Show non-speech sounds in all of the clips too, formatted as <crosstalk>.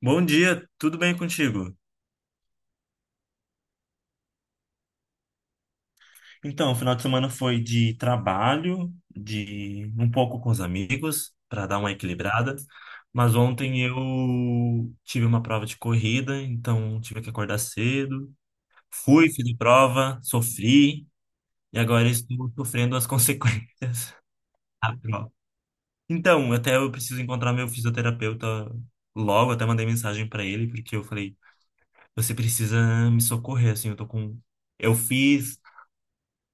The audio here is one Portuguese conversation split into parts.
Bom dia, tudo bem contigo? Então, o final de semana foi de trabalho, de um pouco com os amigos, para dar uma equilibrada. Mas ontem eu tive uma prova de corrida, então tive que acordar cedo. Fui, fiz a prova, sofri, e agora estou sofrendo as <laughs> consequências da prova. Então, até eu preciso encontrar meu fisioterapeuta logo, até mandei mensagem para ele, porque eu falei, você precisa me socorrer, assim, eu tô com. Eu fiz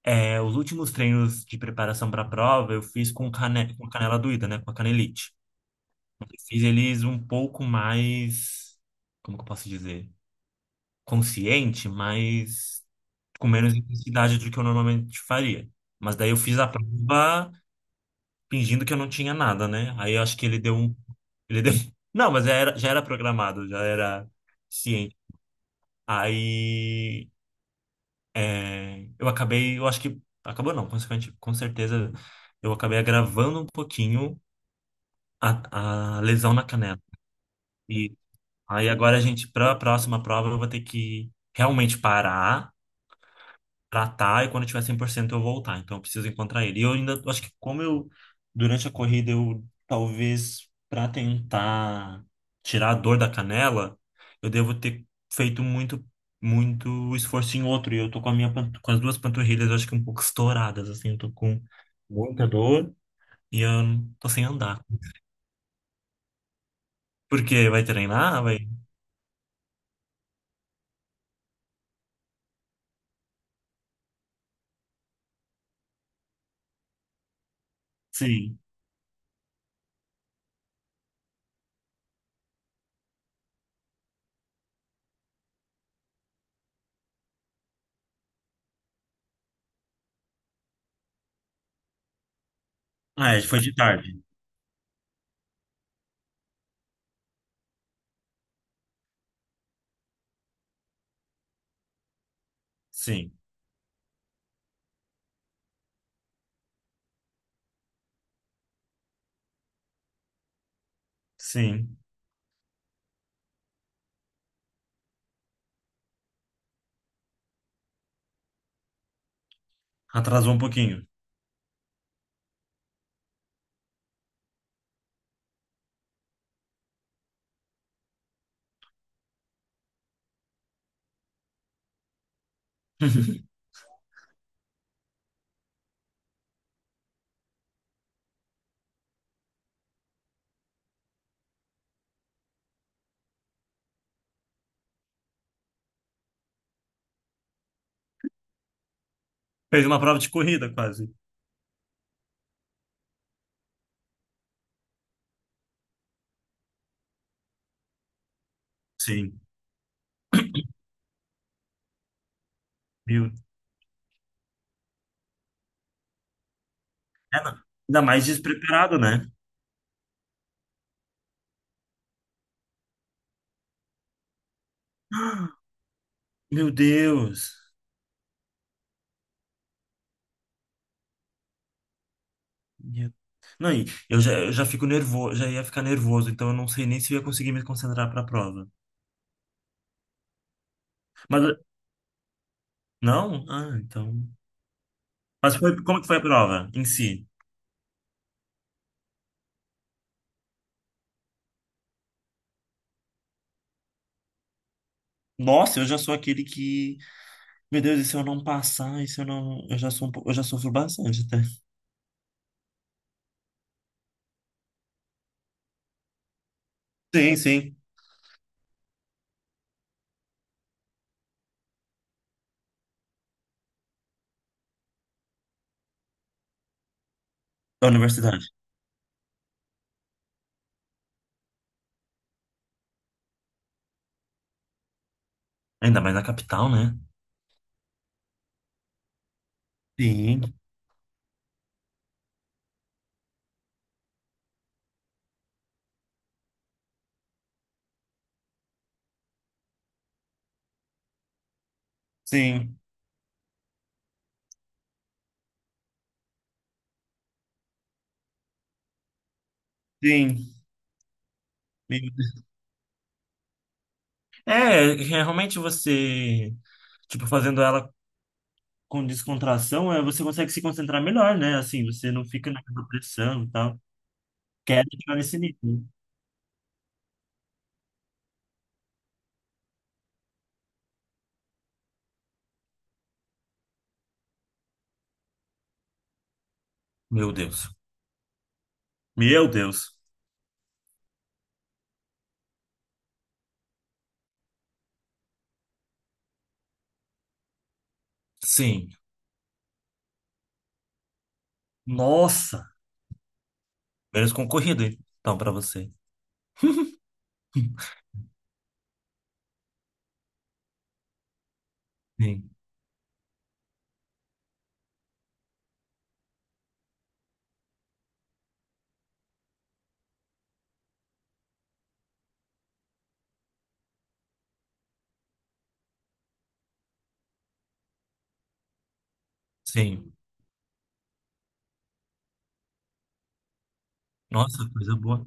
Os últimos treinos de preparação para a prova eu fiz com canela doída, né? Com a canelite. Eu fiz eles um pouco mais, como que eu posso dizer? Consciente, mas com menos intensidade do que eu normalmente faria. Mas daí eu fiz a prova fingindo que eu não tinha nada, né? Aí eu acho que ele deu um. Ele deu. <laughs> Não, mas já era programado, já era ciente. Aí. É, eu acabei, eu acho que acabou não, consequente, com certeza eu acabei agravando um pouquinho a lesão na canela. E aí agora a gente para a próxima prova eu vou ter que realmente parar tratar e quando eu tiver 100% eu voltar. Então eu preciso encontrar ele. E eu ainda eu acho que como eu durante a corrida eu talvez para tentar tirar a dor da canela, eu devo ter feito muito muito esforço em outro e eu tô com a com as duas panturrilhas eu acho que um pouco estouradas assim, eu tô com muita dor e eu não- tô sem andar. Por quê? Vai treinar? Vai? Sim. Ah, é, foi de tarde. Sim. Sim. Atrasou um pouquinho. <laughs> Fez uma prova de corrida quase. Sim. Meu, é, não. Ainda mais despreparado, né? Meu Deus. Meu- Não, e eu já fico nervoso, já ia ficar nervoso, então eu não sei nem se eu ia conseguir me concentrar para a prova. Mas não? Ah, então. Como que foi a prova em si? Nossa, eu já sou aquele que, meu Deus, e se eu não passar, e se eu não, eu já sou, um po- eu já sofro bastante até. Sim, sim. Da universidade. Ainda mais na capital, né? Sim, sim, sim. Meu Deus. É, realmente você, tipo, fazendo ela com descontração, é, você consegue se concentrar melhor, né? Assim, você não fica naquela pressão e tal. Quero chegar nesse nível. Meu Deus. Meu Deus. Sim. Nossa. Menos concorrido, hein? Então, para você. Sim, sim. Nossa, coisa boa.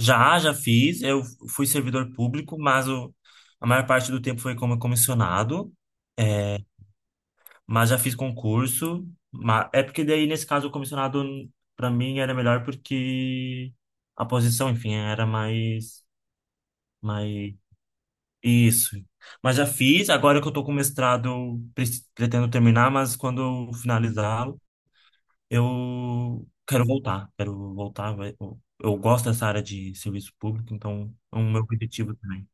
Já, já fiz. Eu fui servidor público, mas a maior parte do tempo foi como comissionado. É, mas já fiz concurso. É porque daí, nesse caso, o comissionado, para mim, era melhor porque a posição, enfim, era mais. Isso. Mas já fiz. Agora que eu tô com mestrado, eu pretendo terminar, mas quando eu finalizá-lo, eu quero voltar. Quero voltar. Eu gosto dessa área de serviço público, então é um meu objetivo também.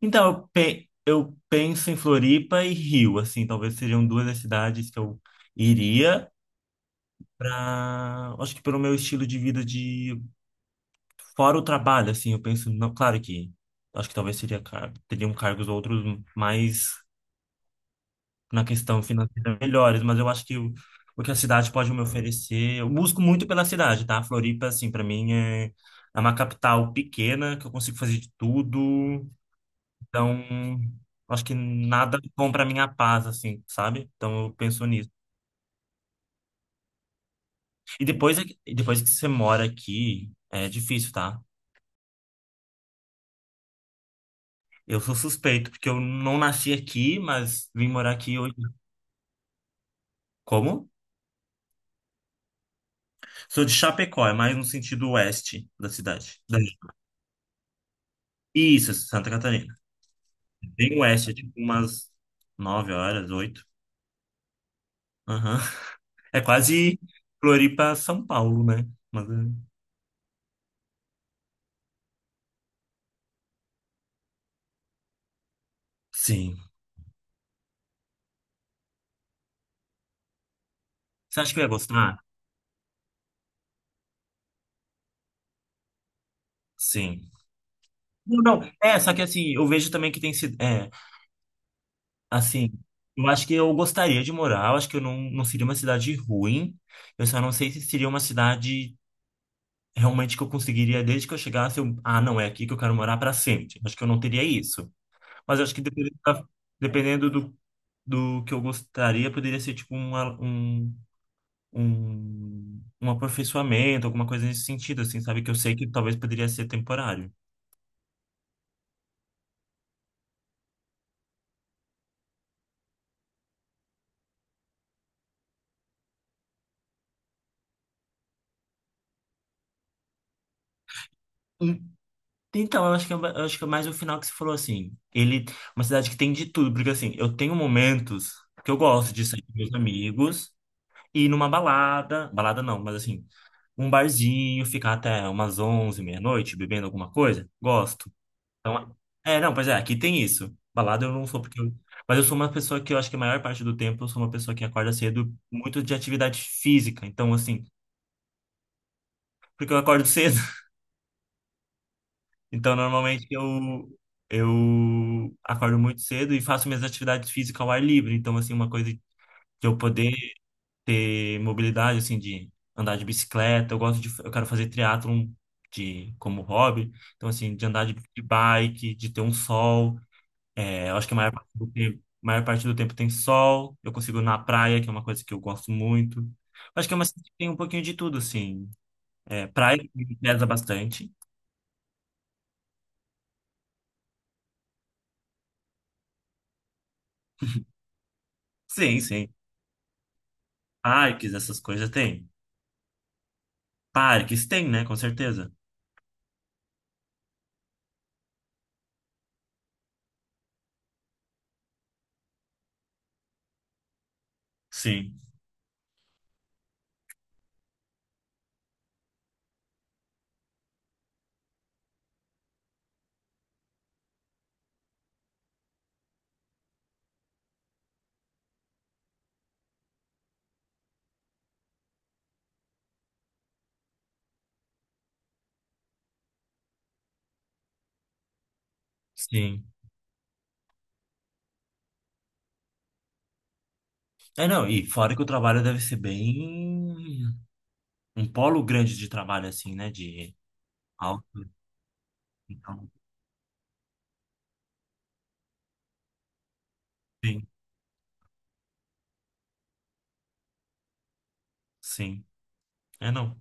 Então, eu penso em Floripa e Rio, assim, talvez seriam duas das cidades que eu iria. Acho que pelo meu estilo de vida de fora o trabalho, assim, eu penso, não, claro que acho que talvez teriam cargos outros mais na questão financeira melhores, mas eu acho que o que a cidade pode me oferecer, eu busco muito pela cidade, tá? Floripa, assim, para mim é uma capital pequena que eu consigo fazer de tudo, então acho que nada bom para minha paz, assim, sabe? Então eu penso nisso. E depois que você mora aqui, é difícil, tá? Eu sou suspeito, porque eu não nasci aqui, mas vim morar aqui hoje. Como? Sou de Chapecó, é mais no sentido oeste da cidade. Daí. Isso, Santa Catarina. Bem oeste, é tipo umas 9 horas, oito. Aham. É quase Floripa, São Paulo, né? Mas, é, sim. Você acha que eu ia gostar? Sim. Não, não. É, só que assim, eu vejo também que tem sido. É, assim, eu acho que eu gostaria de morar, eu acho que eu não seria uma cidade ruim. Eu só não sei se seria uma cidade realmente que eu conseguiria, desde que eu chegasse, eu, ah, não, é aqui que eu quero morar para sempre. Acho que eu não teria isso. Mas acho que dependendo do que eu gostaria, poderia ser tipo um aperfeiçoamento, alguma coisa nesse sentido, assim, sabe? Que eu sei que talvez poderia ser temporário. Hum, Então, eu acho que, eu acho que é mais o final que você falou, assim, ele, uma cidade que tem de tudo, porque assim, eu tenho momentos que eu gosto de sair com meus amigos, ir numa balada, balada não, mas assim, um barzinho, ficar até umas 11 meia-noite bebendo alguma coisa, gosto. Então, é, não, pois é, aqui tem isso. Balada eu não sou porque eu, mas eu sou uma pessoa que eu acho que a maior parte do tempo eu sou uma pessoa que acorda cedo, muito de atividade física. Então, assim, porque eu acordo cedo. <laughs> Então, normalmente eu acordo muito cedo e faço minhas atividades físicas ao ar livre. Então, assim, uma coisa de eu poder ter mobilidade, assim, de andar de bicicleta. Eu quero fazer triatlon como hobby. Então, assim, de andar de bike, de ter um sol. É, eu acho que a maior parte do tempo tem sol. Eu consigo ir na praia, que é uma coisa que eu gosto muito. Acho que é uma cidade que tem um pouquinho de tudo, assim. É, praia que me pesa bastante. Sim, sim. Parques, essas coisas tem. Parques tem, né? Com certeza. Sim, sim. É, não, e fora que o trabalho deve ser bem. Um polo grande de trabalho, assim, né? De alto. Então, sim, sim. É, não.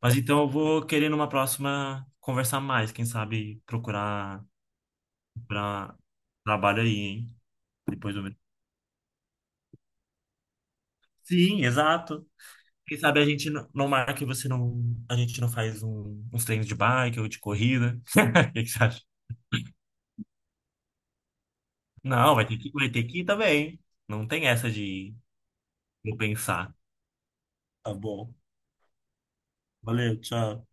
Mas então eu vou querer numa próxima conversar mais, quem sabe procurar para trabalho aí, hein? Depois do. Sim, exato. Quem sabe a gente não marca e você não. A gente não faz uns treinos de bike ou de corrida. <laughs> O que que você acha? Não, vai ter que ir também. Não tem essa de não pensar. Tá bom. Valeu, tchau.